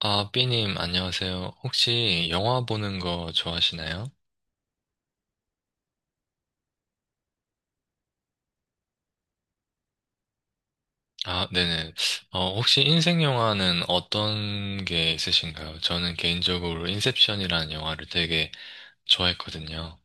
아, 삐님, 안녕하세요. 혹시 영화 보는 거 좋아하시나요? 아, 네네. 혹시 인생 영화는 어떤 게 있으신가요? 저는 개인적으로 인셉션이라는 영화를 되게 좋아했거든요.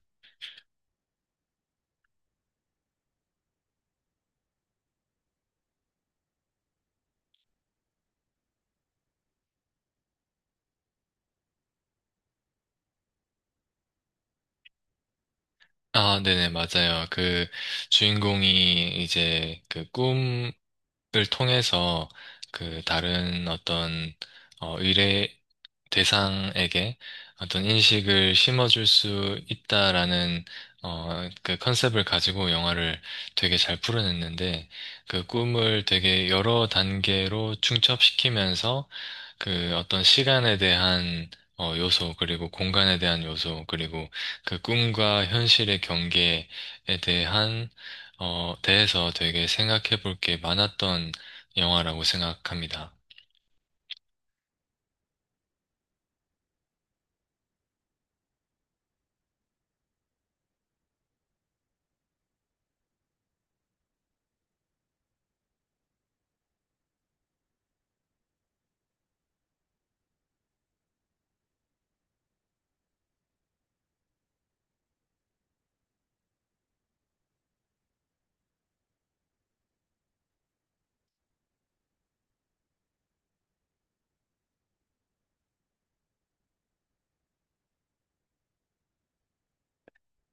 아, 네네, 맞아요. 그 주인공이 이제 그 꿈을 통해서 그 다른 어떤 미래, 대상에게 어떤 인식을 심어줄 수 있다라는 그 컨셉을 가지고 영화를 되게 잘 풀어냈는데 그 꿈을 되게 여러 단계로 중첩시키면서 그 어떤 시간에 대한 요소 그리고 공간에 대한 요소 그리고 그 꿈과 현실의 경계에 대한 대해서 되게 생각해 볼 게 많았던 영화라고 생각합니다.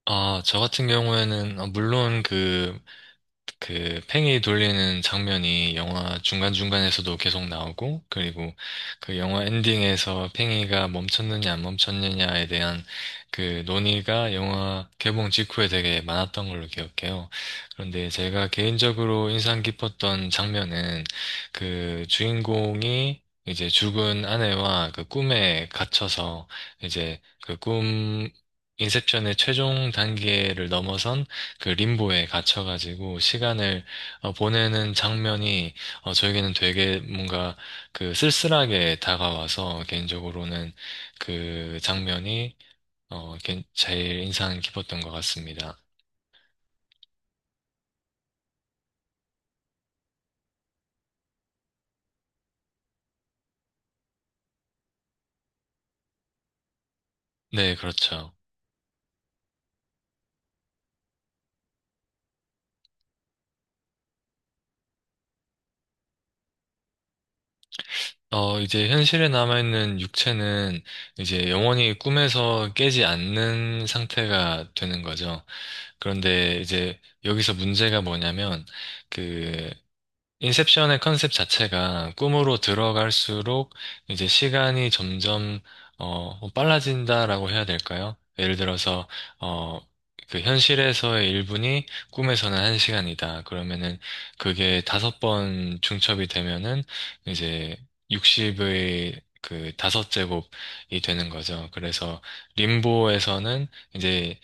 아, 저 같은 경우에는, 물론 그 팽이 돌리는 장면이 영화 중간중간에서도 계속 나오고, 그리고 그 영화 엔딩에서 팽이가 멈췄느냐 안 멈췄느냐에 대한 그 논의가 영화 개봉 직후에 되게 많았던 걸로 기억해요. 그런데 제가 개인적으로 인상 깊었던 장면은 그 주인공이 이제 죽은 아내와 그 꿈에 갇혀서 이제 그 꿈, 인셉션의 최종 단계를 넘어선 그 림보에 갇혀가지고 시간을 보내는 장면이 저에게는 되게 뭔가 그 쓸쓸하게 다가와서 개인적으로는 그 장면이 제일 인상 깊었던 것 같습니다. 네, 그렇죠. 이제 현실에 남아있는 육체는 이제 영원히 꿈에서 깨지 않는 상태가 되는 거죠. 그런데 이제 여기서 문제가 뭐냐면 그 인셉션의 컨셉 자체가 꿈으로 들어갈수록 이제 시간이 점점 뭐 빨라진다라고 해야 될까요? 예를 들어서 어 그 현실에서의 1분이 꿈에서는 1시간이다. 그러면은 그게 다섯 번 중첩이 되면은 이제 60의 그 다섯 제곱이 되는 거죠. 그래서 림보에서는 이제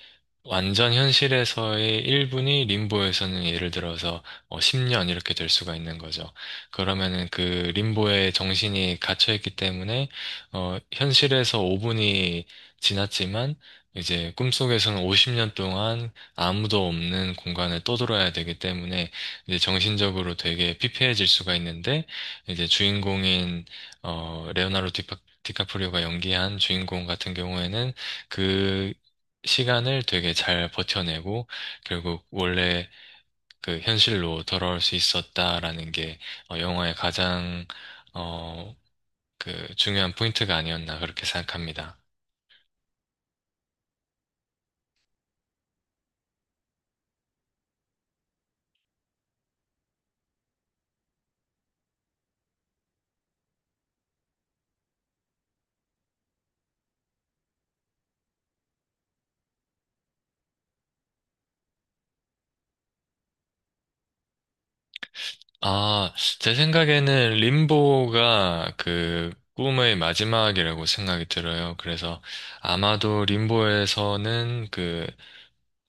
완전 현실에서의 1분이 림보에서는 예를 들어서 10년 이렇게 될 수가 있는 거죠. 그러면은 그 림보의 정신이 갇혀 있기 때문에 현실에서 5분이 지났지만 이제 꿈속에서는 50년 동안 아무도 없는 공간을 떠돌아야 되기 때문에 이제 정신적으로 되게 피폐해질 수가 있는데 이제 주인공인 어, 레오나르도 디파, 디카프리오가 연기한 주인공 같은 경우에는 그 시간을 되게 잘 버텨내고 결국 원래 그 현실로 돌아올 수 있었다라는 게 영화의 가장 어, 그 중요한 포인트가 아니었나 그렇게 생각합니다. 아, 제 생각에는 림보가 그 꿈의 마지막이라고 생각이 들어요. 그래서 아마도 림보에서는 그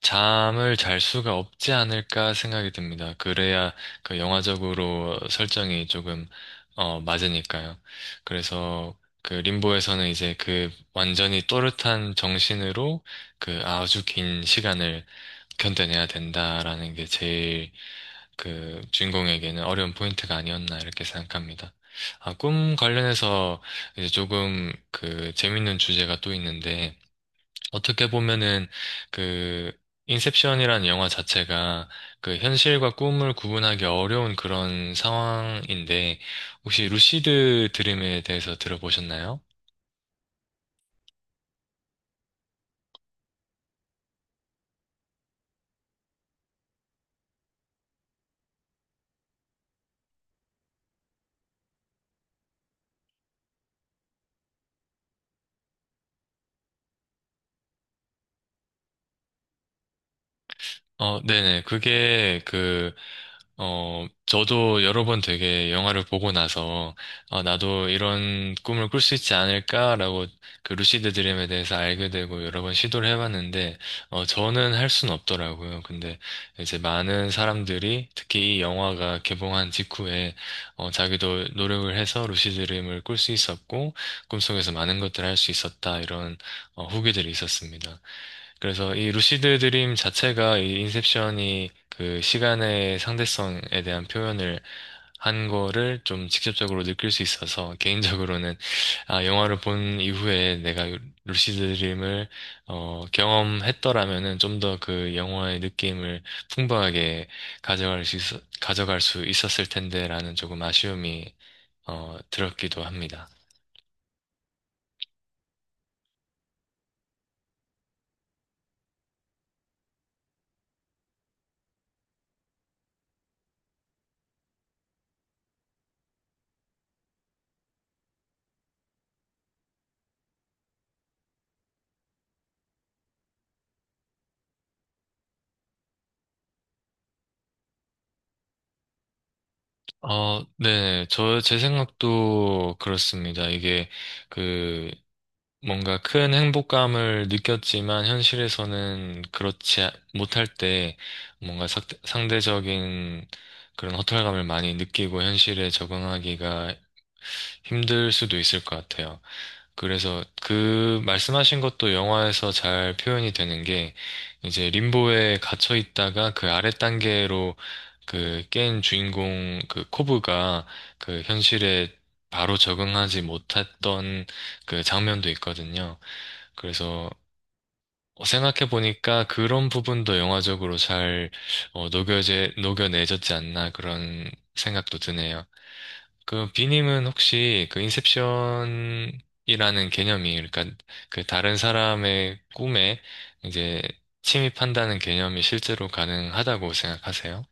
잠을 잘 수가 없지 않을까 생각이 듭니다. 그래야 그 영화적으로 설정이 조금 맞으니까요. 그래서 그 림보에서는 이제 그 완전히 또렷한 정신으로 그 아주 긴 시간을 견뎌내야 된다라는 게 제일 그 주인공에게는 어려운 포인트가 아니었나 이렇게 생각합니다. 아, 꿈 관련해서 이제 조금 그 재밌는 주제가 또 있는데 어떻게 보면은 그 인셉션이라는 영화 자체가 그 현실과 꿈을 구분하기 어려운 그런 상황인데 혹시 루시드 드림에 대해서 들어보셨나요? 어, 네네. 저도 여러 번 되게 영화를 보고 나서, 아, 나도 이런 꿈을 꿀 수 있지 않을까라고 그 루시드 드림에 대해서 알게 되고 여러 번 시도를 해봤는데, 저는 할 수는 없더라고요. 근데 이제 많은 사람들이 특히 이 영화가 개봉한 직후에, 자기도 노력을 해서 루시드 드림을 꿀 수 있었고, 꿈속에서 많은 것들을 할 수 있었다. 이런 후기들이 있었습니다. 그래서 이 루시드 드림 자체가 이 인셉션이 그 시간의 상대성에 대한 표현을 한 거를 좀 직접적으로 느낄 수 있어서 개인적으로는 아, 영화를 본 이후에 내가 루시드 드림을 경험했더라면은 좀 더 그 영화의 느낌을 풍부하게 가져갈 수 있, 가져갈 수 있었을 텐데라는 조금 아쉬움이 들었기도 합니다. 어, 네. 제 생각도 그렇습니다. 그, 뭔가 큰 행복감을 느꼈지만 현실에서는 그렇지 못할 때 뭔가 상대적인 그런 허탈감을 많이 느끼고 현실에 적응하기가 힘들 수도 있을 것 같아요. 그래서 그 말씀하신 것도 영화에서 잘 표현이 되는 게 이제 림보에 갇혀 있다가 그 아래 단계로 그 깬 주인공 그 코브가 그 현실에 바로 적응하지 못했던 그 장면도 있거든요. 그래서 생각해 보니까 그런 부분도 영화적으로 잘 녹여내졌지 않나 그런 생각도 드네요. 그 비님은 혹시 그 인셉션이라는 개념이 그러니까 그 다른 사람의 꿈에 이제 침입한다는 개념이 실제로 가능하다고 생각하세요?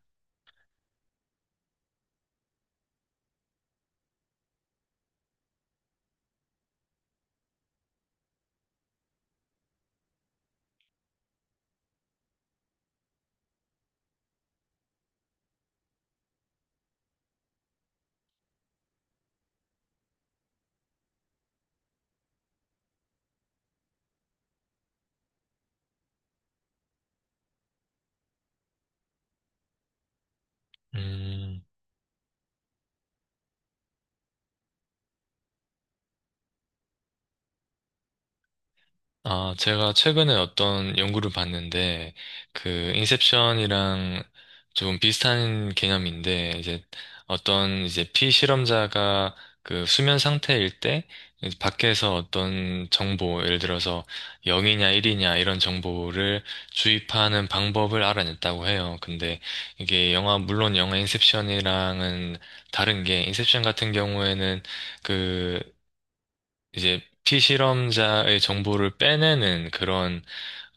음. 아, 제가 최근에 어떤 연구를 봤는데, 인셉션이랑 좀 비슷한 개념인데, 이제 어떤 피실험자가 그 수면 상태일 때, 이제 밖에서 어떤 정보, 예를 들어서 0이냐 1이냐 이런 정보를 주입하는 방법을 알아냈다고 해요. 근데 이게 영화, 물론 영화 인셉션이랑은 다른 게, 인셉션 같은 경우에는 그 이제 피실험자의 정보를 빼내는 그런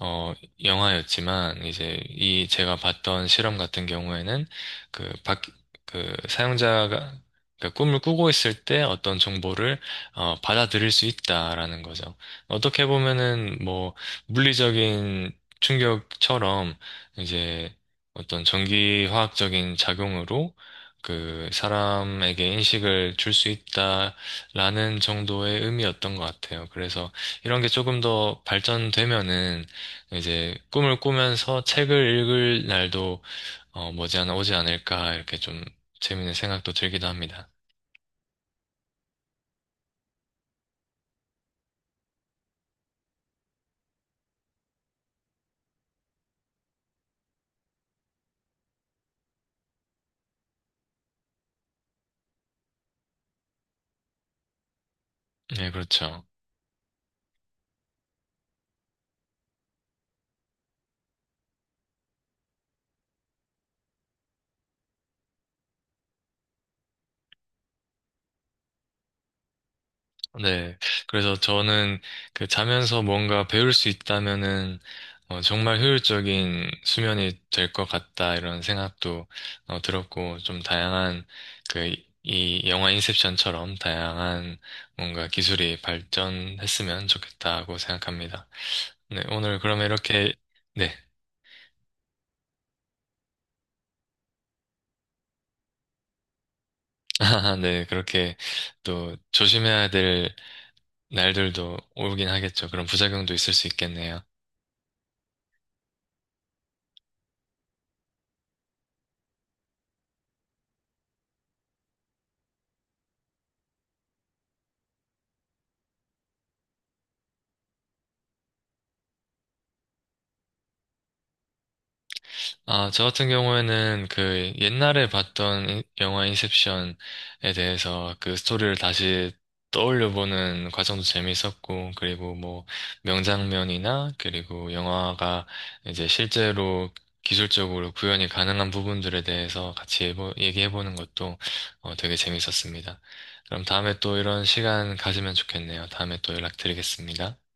어, 영화였지만, 제가 봤던 실험 같은 경우에는, 그, 박, 사용자가, 그 꿈을 꾸고 있을 때 어떤 정보를, 받아들일 수 있다라는 거죠. 어떻게 보면은, 뭐, 물리적인 충격처럼, 이제, 어떤 전기화학적인 작용으로, 그, 사람에게 인식을 줄 수 있다라는 정도의 의미였던 것 같아요. 그래서, 이런 게 조금 더 발전되면은, 이제 꿈을 꾸면서 책을 읽을 날도 머지않아 오지 않을까 이렇게 좀 재밌는 생각도 들기도 합니다. 네, 그렇죠. 네. 그래서 저는 그 자면서 뭔가 배울 수 있다면은 정말 효율적인 수면이 될 것 같다 이런 생각도 들었고 좀 다양한 그 이 영화 인셉션처럼 다양한 뭔가 기술이 발전했으면 좋겠다고 생각합니다. 네, 오늘 그러면 이렇게 네. 아, 네, 그렇게 또 조심해야 될 날들도 오긴 하겠죠. 그런 부작용도 있을 수 있겠네요. 아, 저 같은 경우에는 그 옛날에 봤던 영화 인셉션에 대해서 그 스토리를 다시 떠올려보는 과정도 재미있었고, 그리고 뭐 명장면이나, 그리고 영화가 이제 실제로 기술적으로 구현이 가능한 부분들에 대해서 같이 얘기해보는 것도 되게 재미있었습니다. 그럼 다음에 또 이런 시간 가지면 좋겠네요. 다음에 또 연락드리겠습니다.